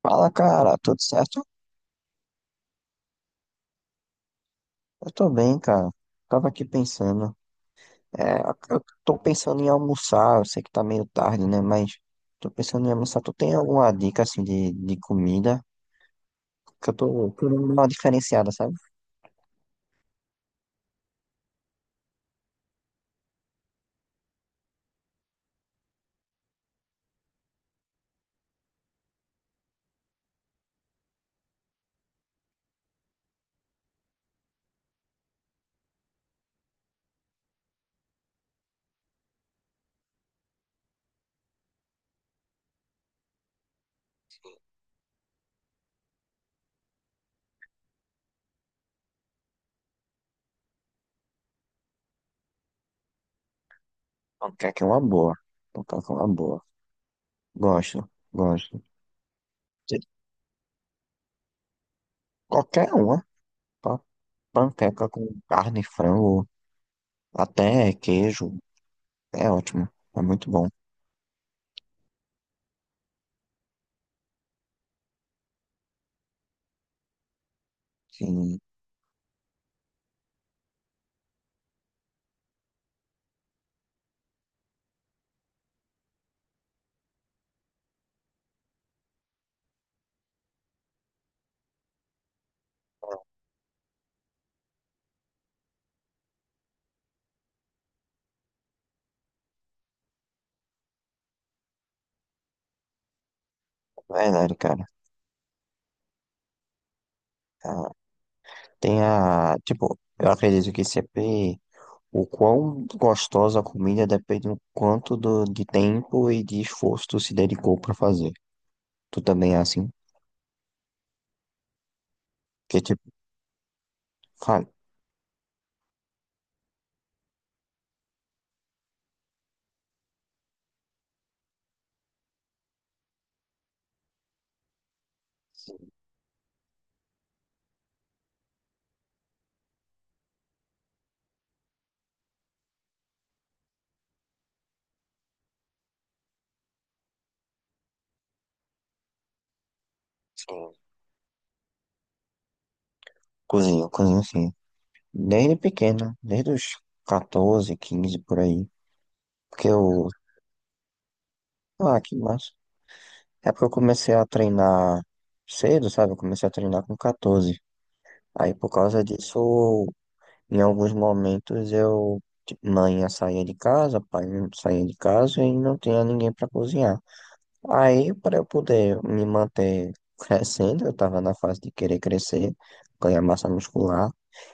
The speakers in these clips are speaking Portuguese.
Fala, cara, tudo certo? Eu tô bem, cara. Tava aqui pensando. É, eu tô pensando em almoçar, eu sei que tá meio tarde, né? Mas tô pensando em almoçar. Tu tem alguma dica, assim, de comida? Que eu tô querendo dar uma diferenciada, sabe? Panqueca é uma boa. Panqueca é uma boa. Gosto, gosto. De- Qualquer uma. Pa- Panqueca com carne, frango, até queijo. É ótimo. É muito bom. Sim, é verdade, cara. É Tem a, tipo, eu acredito que CP, o quão gostosa a comida depende do quanto de tempo e de esforço tu se dedicou pra fazer. Tu também é assim? Que tipo, fala. Sim. Cozinho, cozinho sim. Desde pequeno, desde os 14 15 por aí. Porque eu. Ah, que massa. É porque eu comecei a treinar cedo, sabe? Eu comecei a treinar com catorze. Aí por causa disso em alguns momentos eu, mãe saía de casa, pai saía de casa e não tinha ninguém para cozinhar. Aí, para eu poder me manter crescendo, eu estava na fase de querer crescer, ganhar massa muscular,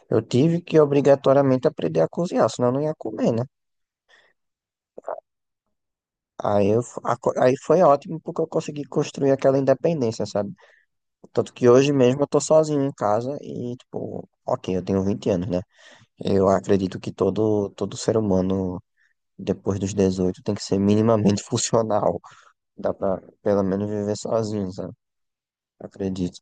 eu tive que obrigatoriamente aprender a cozinhar, senão eu não ia comer, né? Aí, eu, f- a co- aí foi ótimo porque eu consegui construir aquela independência, sabe? Tanto que hoje mesmo eu tô sozinho em casa e, tipo, ok, eu tenho 20 anos, né? Eu acredito que todo ser humano depois dos 18 tem que ser minimamente funcional. Dá pra pelo menos viver sozinho, sabe? Acredito.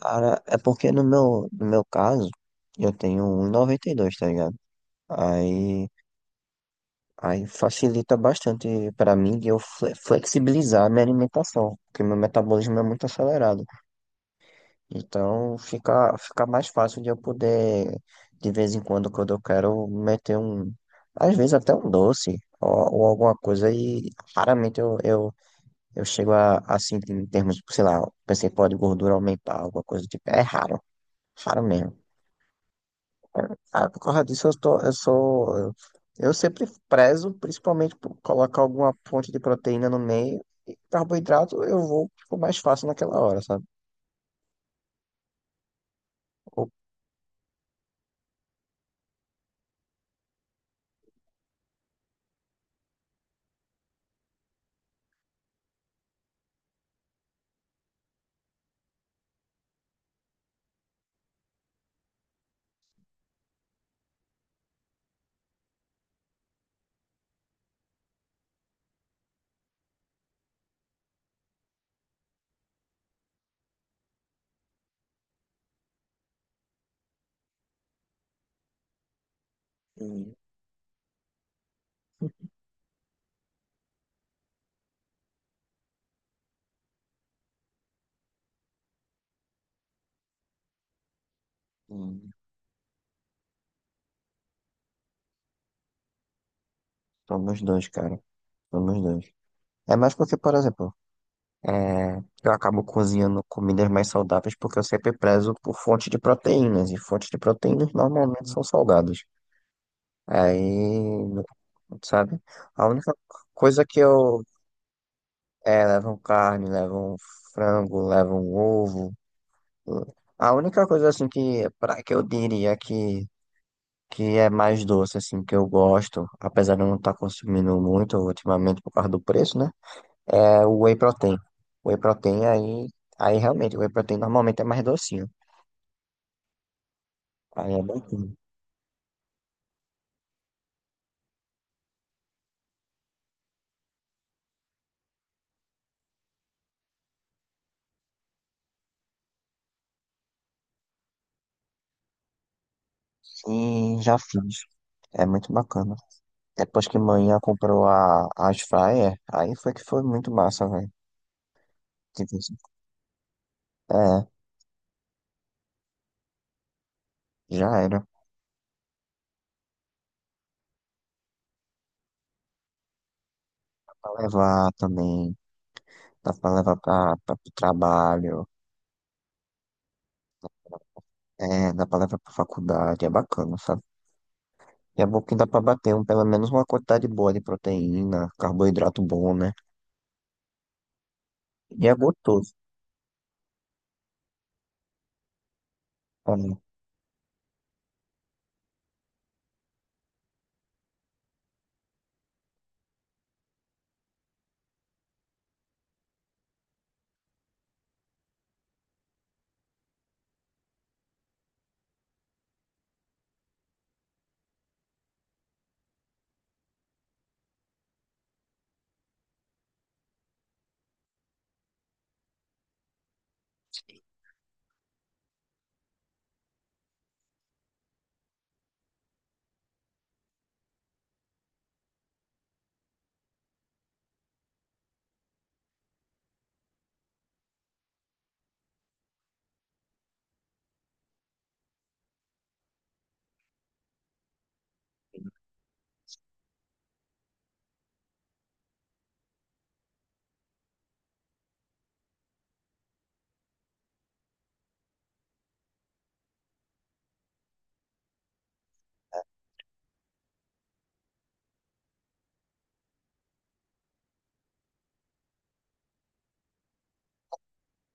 Cara, é porque no meu caso, eu tenho um e noventa e dois, tá ligado? Aí, aí facilita bastante pra mim de eu flexibilizar a minha alimentação, porque meu metabolismo é muito acelerado. Então fica mais fácil de eu poder, de vez em quando, quando eu quero, meter um. Às vezes até um doce ou alguma coisa. E raramente eu chego a sentir em termos, sei lá, pensei, pode gordura aumentar, alguma coisa do tipo. É raro, raro mesmo. Ah, por causa disso, eu tô, eu sou. Eu sempre prezo, principalmente por colocar alguma fonte de proteína no meio. E carboidrato eu vou tipo, mais fácil naquela hora, sabe? Ou- Hum, hum. Tô nos dois, cara. Tô nos dois. É mais porque, por exemplo, é, eu acabo cozinhando comidas mais saudáveis porque eu sempre prezo por fonte de proteínas. E fontes de proteínas normalmente são salgadas. Aí, sabe? A única coisa que eu. É, levam carne, levam frango, levam ovo. A única coisa, assim, que eu diria que é mais doce, assim, que eu gosto, apesar de eu não estar consumindo muito ultimamente por causa do preço, né? É o whey protein. O whey protein aí. Aí realmente, o whey protein normalmente é mais docinho. Aí é bacana. E já fiz. É muito bacana. Depois que manhã comprou a air fryer, aí foi que foi muito massa, velho. Tipo assim, é, já era. Dá pra levar também, dá pra levar pro trabalho, é, dá pra levar pra faculdade, é bacana, sabe? E é bom que dá pra bater um, pelo menos uma quantidade boa de proteína, carboidrato bom, né? E é gostoso. É.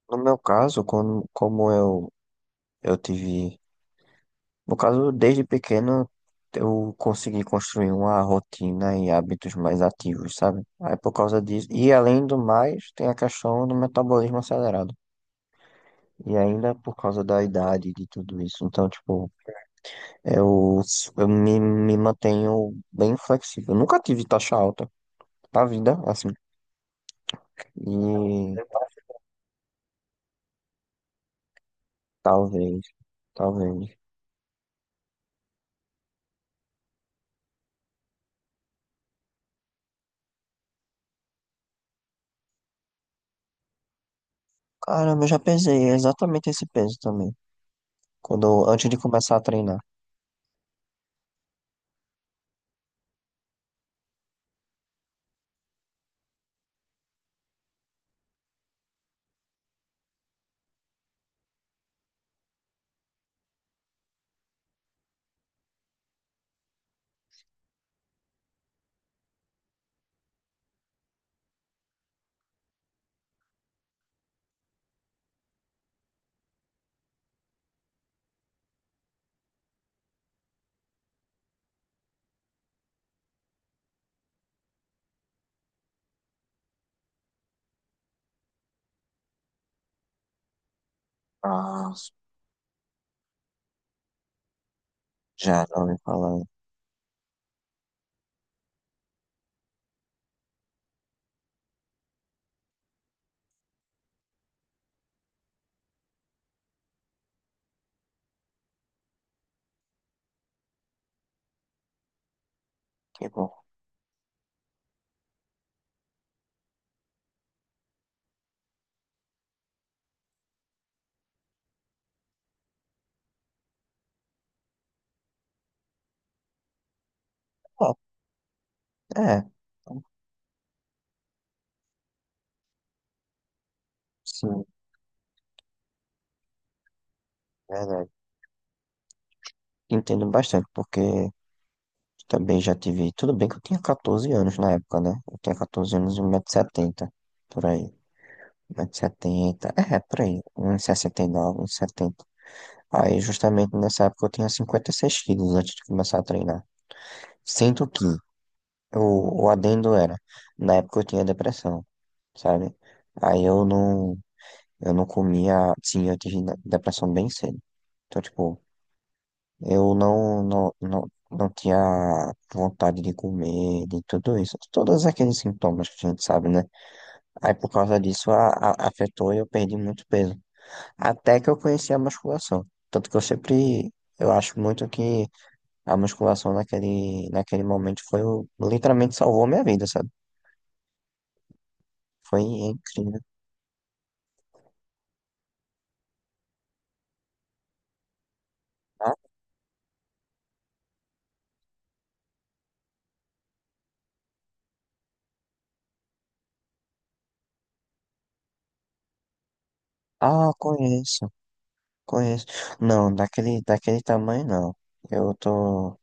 No meu caso, quando, como eu tive. No caso, desde pequeno eu consegui construir uma rotina e hábitos mais ativos, sabe? Aí por causa disso, e além do mais, tem a questão do metabolismo acelerado. E ainda por causa da idade e de tudo isso. Então, tipo, eu, me mantenho bem flexível. Eu nunca tive taxa alta na vida, assim. E talvez, talvez. Caramba, eu já pesei exatamente esse peso também. Quando, antes de começar a treinar. Ah, já, já ouvi falar. Que bom. Ah, é, então, sim, verdade. Entendo bastante, porque também já tive. Tudo bem que eu tinha 14 anos na época, né? Eu tinha 14 anos e 170, setenta por aí. 170, setenta é, por aí. 1,69 m, 170, setenta. Aí, justamente nessa época, eu tinha 56 quilos antes de começar a treinar. Sendo que o adendo era, na época eu tinha depressão, sabe? Aí eu não comia, sim, eu tive depressão bem cedo. Então, tipo. Eu não, não, não, não tinha vontade de comer, de tudo isso. Todos aqueles sintomas que a gente sabe, né? Aí por causa disso afetou e eu perdi muito peso. Até que eu conheci a musculação. Tanto que eu sempre, eu acho muito que a musculação naquele momento foi o, literalmente salvou minha vida, sabe? Foi incrível. Ah, conheço, conheço. Não, daquele tamanho não. Eu tô.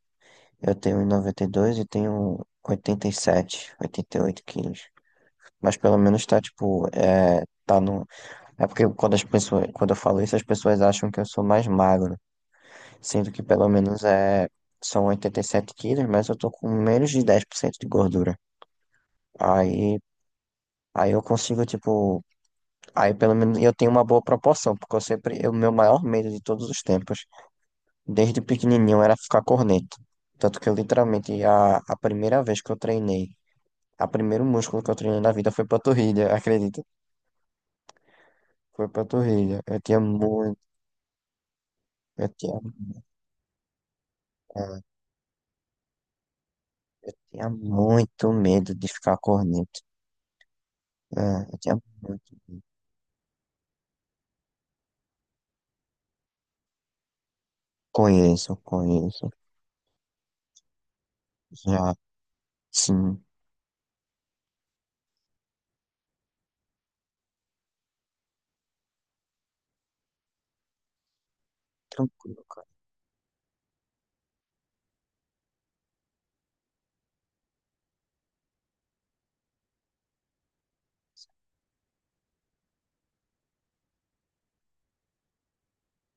Eu tenho 1,92 e noventa e dois e tenho 87, 88 quilos. Mas pelo menos tá, tipo, é, tá no... É porque quando as pessoas, quando eu falo isso, as pessoas acham que eu sou mais magro. Sendo que pelo menos é, são 87 quilos, mas eu tô com menos de 10% de gordura. Aí, aí eu consigo, tipo... Aí pelo menos eu tenho uma boa proporção, porque eu sempre... O meu maior medo de todos os tempos, desde pequenininho, era ficar corneto. Tanto que eu literalmente, a primeira vez que eu treinei, a primeiro músculo que eu treinei na vida foi panturrilha, acredita? Foi panturrilha. Eu tinha, ah, eu tinha muito medo de ficar corneto. É, eu tinha muito medo. Conheço, conheço. Já, sim, tranquilo, cara.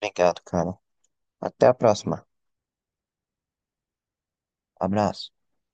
Obrigado, cara. Até a próxima. Abraço.